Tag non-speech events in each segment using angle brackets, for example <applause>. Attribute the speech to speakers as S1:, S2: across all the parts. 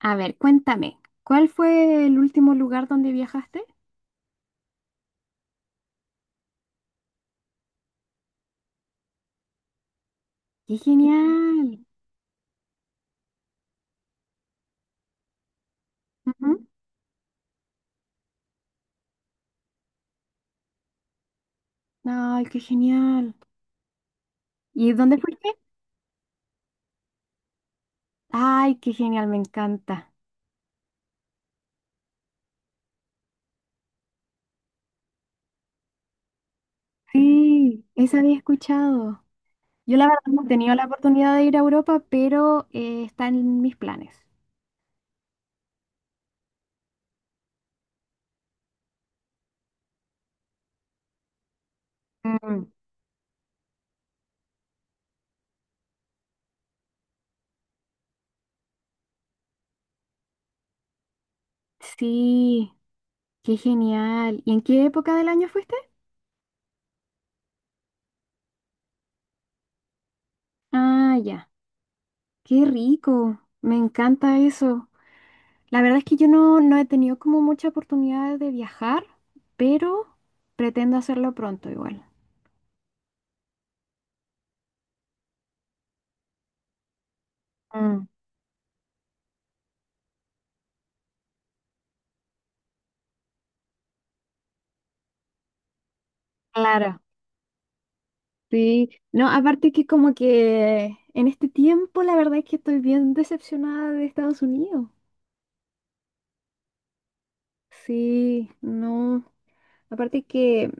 S1: A ver, cuéntame, ¿cuál fue el último lugar donde viajaste? ¡Qué genial! Ujú. ¡Ay, qué genial! ¿Y dónde fuiste? ¡Ay, qué genial! Me encanta. Sí, esa había escuchado. Yo la verdad no he tenido la oportunidad de ir a Europa, pero está en mis planes. Mm. Sí, qué genial. ¿Y en qué época del año fuiste? Ah, ya. Qué rico. Me encanta eso. La verdad es que yo no, no he tenido como mucha oportunidad de viajar, pero pretendo hacerlo pronto igual. Mm, claro, sí. No, aparte que como que en este tiempo la verdad es que estoy bien decepcionada de Estados Unidos. Sí, no. Aparte que,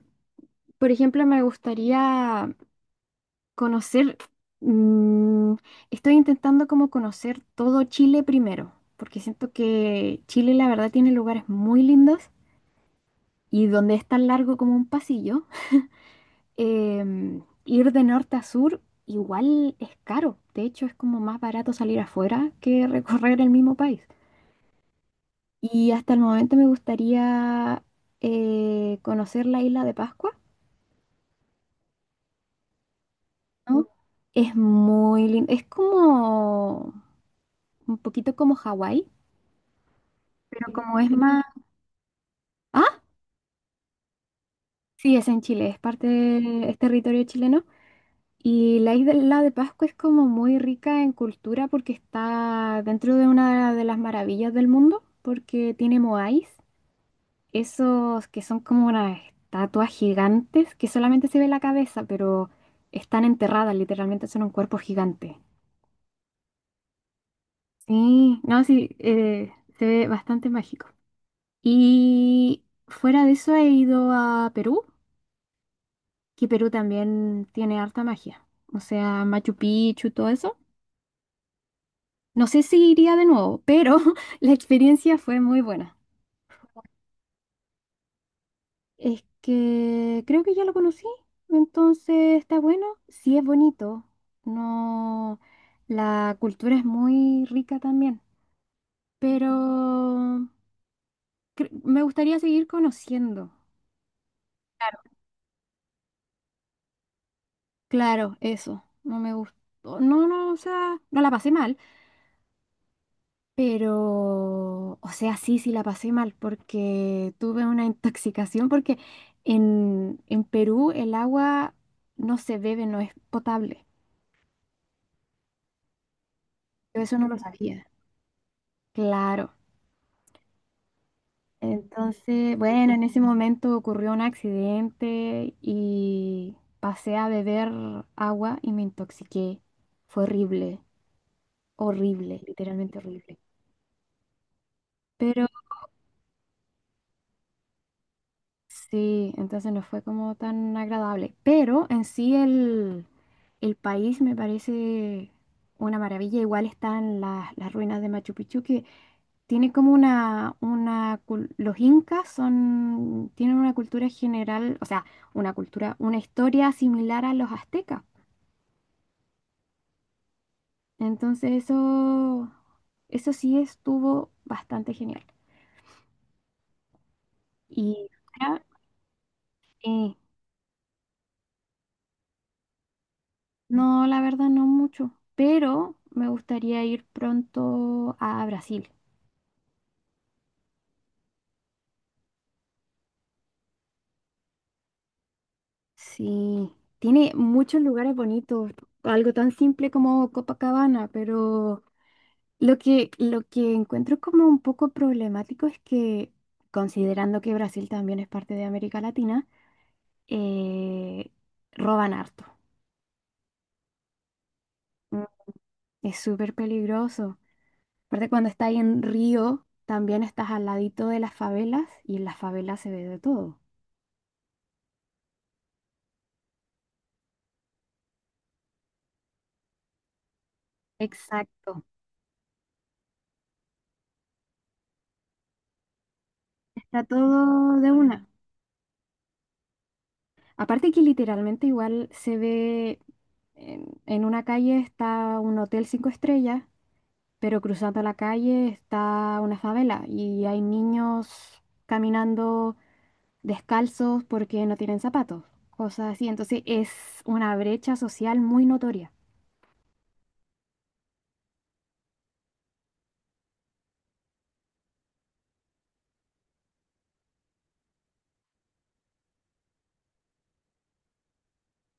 S1: por ejemplo, me gustaría conocer, mm, estoy intentando como conocer todo Chile primero, porque siento que Chile la verdad tiene lugares muy lindos y donde es tan largo como un pasillo, ir de norte a sur igual es caro. De hecho, es como más barato salir afuera que recorrer el mismo país. Y hasta el momento me gustaría conocer la isla de Pascua, ¿no? Es muy lindo. Es como un poquito como Hawái, pero como es más. Ah, sí, es en Chile, es parte, es territorio chileno. Y la isla de Pascua es como muy rica en cultura porque está dentro de una de las maravillas del mundo, porque tiene moáis, esos que son como unas estatuas gigantes que solamente se ve la cabeza, pero están enterradas, literalmente son un cuerpo gigante. Sí, no, sí, se ve bastante mágico. Y fuera de eso he ido a Perú, que Perú también tiene harta magia, o sea, Machu Picchu, todo eso. No sé si iría de nuevo, pero <laughs> la experiencia fue muy buena. Es que creo que ya lo conocí, entonces está bueno. Sí es bonito, no, la cultura es muy rica también, pero me gustaría seguir conociendo. Claro, eso, no me gustó. No, no, o sea, no la pasé mal. Pero, o sea, sí, sí la pasé mal porque tuve una intoxicación porque en Perú el agua no se bebe, no es potable. Yo eso no lo sabía. Claro. Entonces, bueno, en ese momento ocurrió un accidente y pasé a beber agua y me intoxiqué. Fue horrible, horrible, literalmente horrible. Pero sí, entonces no fue como tan agradable, pero en sí el país me parece una maravilla. Igual están las ruinas de Machu Picchu que tiene como los incas son, tienen una cultura general, o sea, una cultura, una historia similar a los aztecas. Entonces eso sí estuvo bastante genial. Y, ah, sí. No, la verdad no mucho, pero me gustaría ir pronto a Brasil. Sí, tiene muchos lugares bonitos, algo tan simple como Copacabana, pero lo que encuentro como un poco problemático es que, considerando que Brasil también es parte de América Latina, eh, roban harto. Mm. Es súper peligroso. Aparte, cuando estás ahí en Río, también estás al ladito de las favelas y en las favelas se ve de todo. Exacto. Está todo de una. Aparte que literalmente igual se ve en una calle está un hotel 5 estrellas, pero cruzando la calle está una favela y hay niños caminando descalzos porque no tienen zapatos, cosas así. Entonces es una brecha social muy notoria.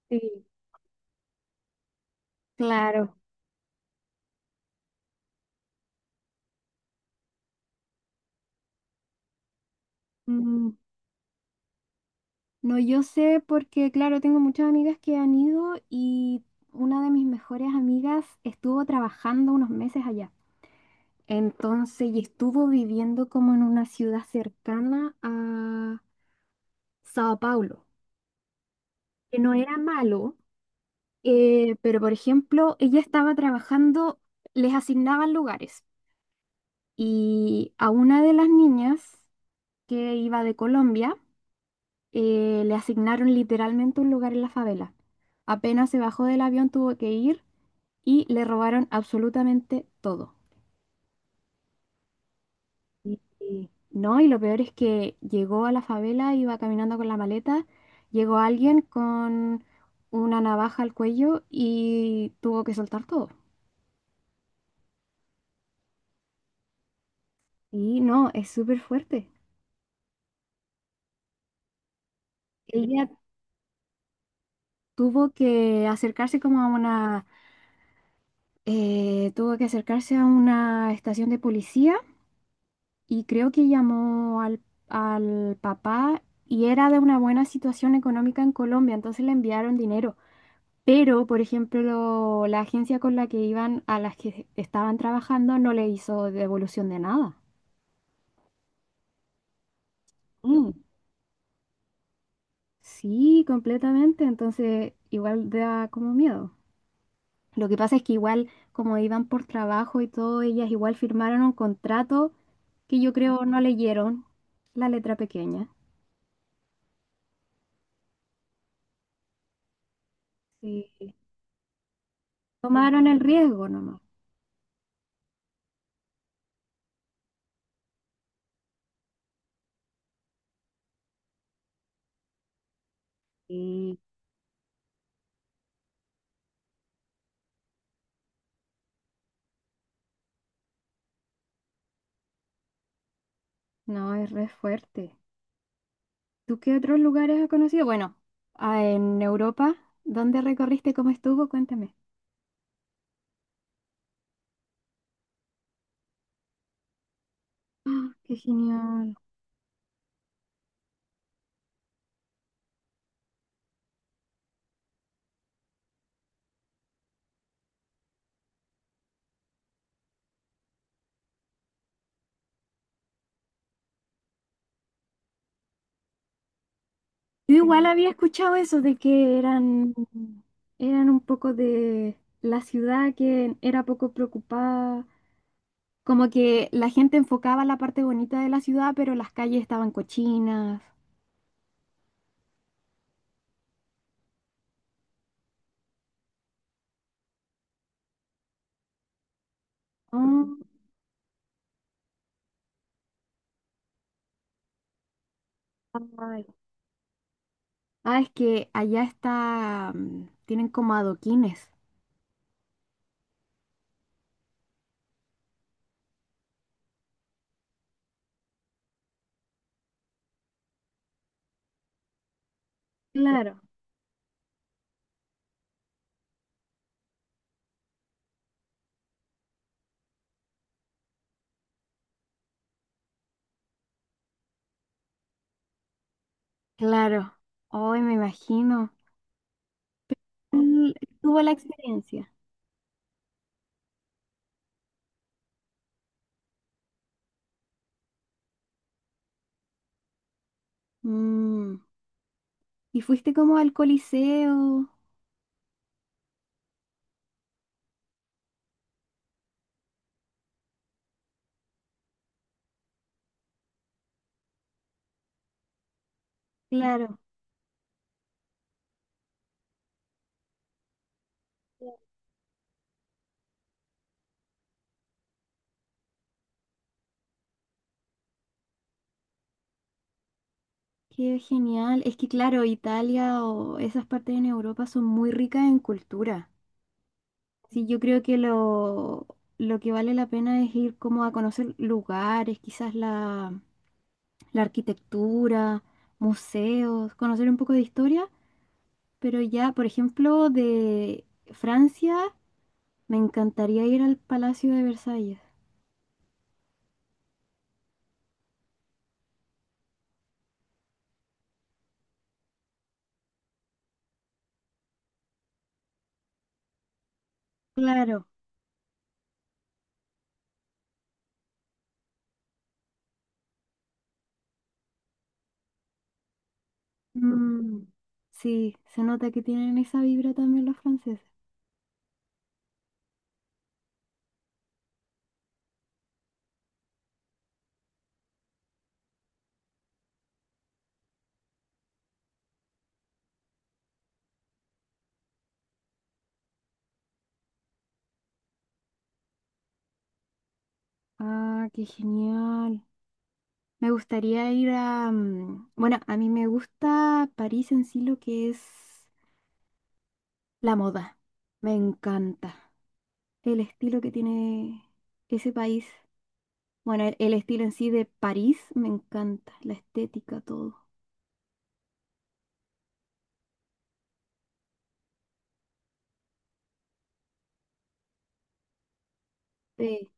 S1: Sí, claro. Mm, no, yo sé porque, claro, tengo muchas amigas que han ido y una de mis mejores amigas estuvo trabajando unos meses allá. Entonces, y estuvo viviendo como en una ciudad cercana a Sao Paulo, que no era malo, pero por ejemplo, ella estaba trabajando, les asignaban lugares y a una de las niñas que iba de Colombia, le asignaron literalmente un lugar en la favela. Apenas se bajó del avión, tuvo que ir y le robaron absolutamente todo. No, y lo peor es que llegó a la favela, iba caminando con la maleta, llegó alguien con una navaja al cuello y tuvo que soltar todo. Y no, es súper fuerte. Ella tuvo que acercarse como a tuvo que acercarse a una estación de policía y creo que llamó al papá y era de una buena situación económica en Colombia, entonces le enviaron dinero. Pero, por ejemplo, la agencia con la que iban, a las que estaban trabajando, no le hizo devolución de nada. Mm. Sí, completamente. Entonces, igual da como miedo. Lo que pasa es que igual, como iban por trabajo y todo, ellas igual firmaron un contrato que yo creo no leyeron la letra pequeña. Sí, tomaron el riesgo nomás. Y no, es re fuerte. ¿Tú qué otros lugares has conocido? Bueno, ah, en Europa, ¿dónde recorriste? ¿Cómo estuvo? Cuéntame. ¡Ah, qué genial! Yo igual había escuchado eso de que eran un poco de la ciudad que era poco preocupada, como que la gente enfocaba la parte bonita de la ciudad, pero las calles estaban cochinas. Ah, ay. Ah, es que allá tienen como adoquines. Claro. Claro. Hoy me imagino. Él tuvo la experiencia. Mm. Y fuiste como al Coliseo. Claro, qué genial. Es que claro, Italia o esas partes en Europa son muy ricas en cultura. Sí, yo creo que lo que vale la pena es ir como a conocer lugares, quizás la, la arquitectura, museos, conocer un poco de historia. Pero ya, por ejemplo, de Francia, me encantaría ir al Palacio de Versalles. Claro. Mm, sí, se nota que tienen esa vibra también los franceses. Ah, qué genial. Me gustaría ir a... mm, Bueno, a mí me gusta París en sí lo que es la moda. Me encanta el estilo que tiene ese país. Bueno, el estilo en sí de París me encanta, la estética, todo. Sí,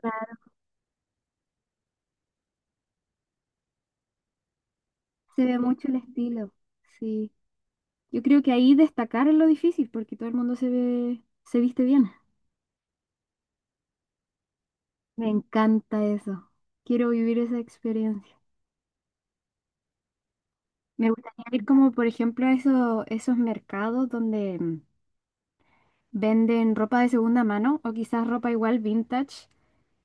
S1: claro, se ve mucho el estilo. Sí, yo creo que ahí destacar es lo difícil porque todo el mundo se ve, se viste bien. Me encanta eso. Quiero vivir esa experiencia. Me gustaría ir como, por ejemplo, a esos mercados donde venden ropa de segunda mano o quizás ropa igual vintage.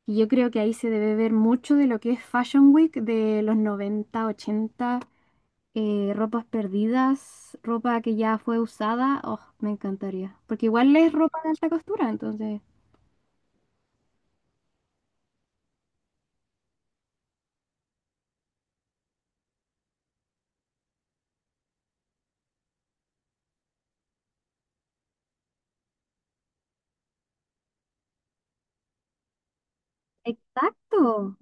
S1: Y yo creo que ahí se debe ver mucho de lo que es Fashion Week de los 90, 80, ropas perdidas, ropa que ya fue usada. Oh, me encantaría. Porque igual es ropa de alta costura, entonces. Exacto.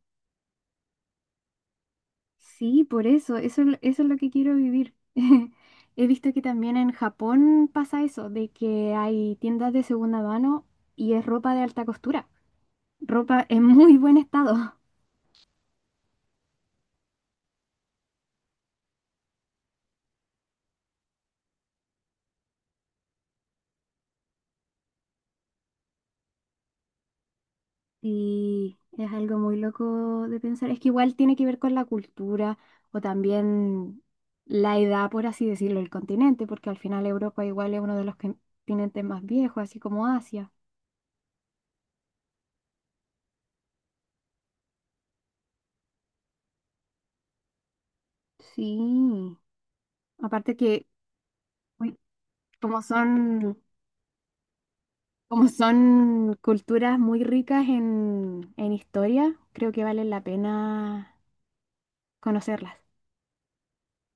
S1: Sí, por eso, eso es lo que quiero vivir. <laughs> He visto que también en Japón pasa eso, de que hay tiendas de segunda mano y es ropa de alta costura, ropa en muy buen estado. Y es algo muy loco de pensar. Es que igual tiene que ver con la cultura o también la edad, por así decirlo, el continente, porque al final Europa igual es uno de los continentes más viejos, así como Asia. Sí, aparte que uy, como son... Como son culturas muy ricas en historia, creo que valen la pena conocerlas.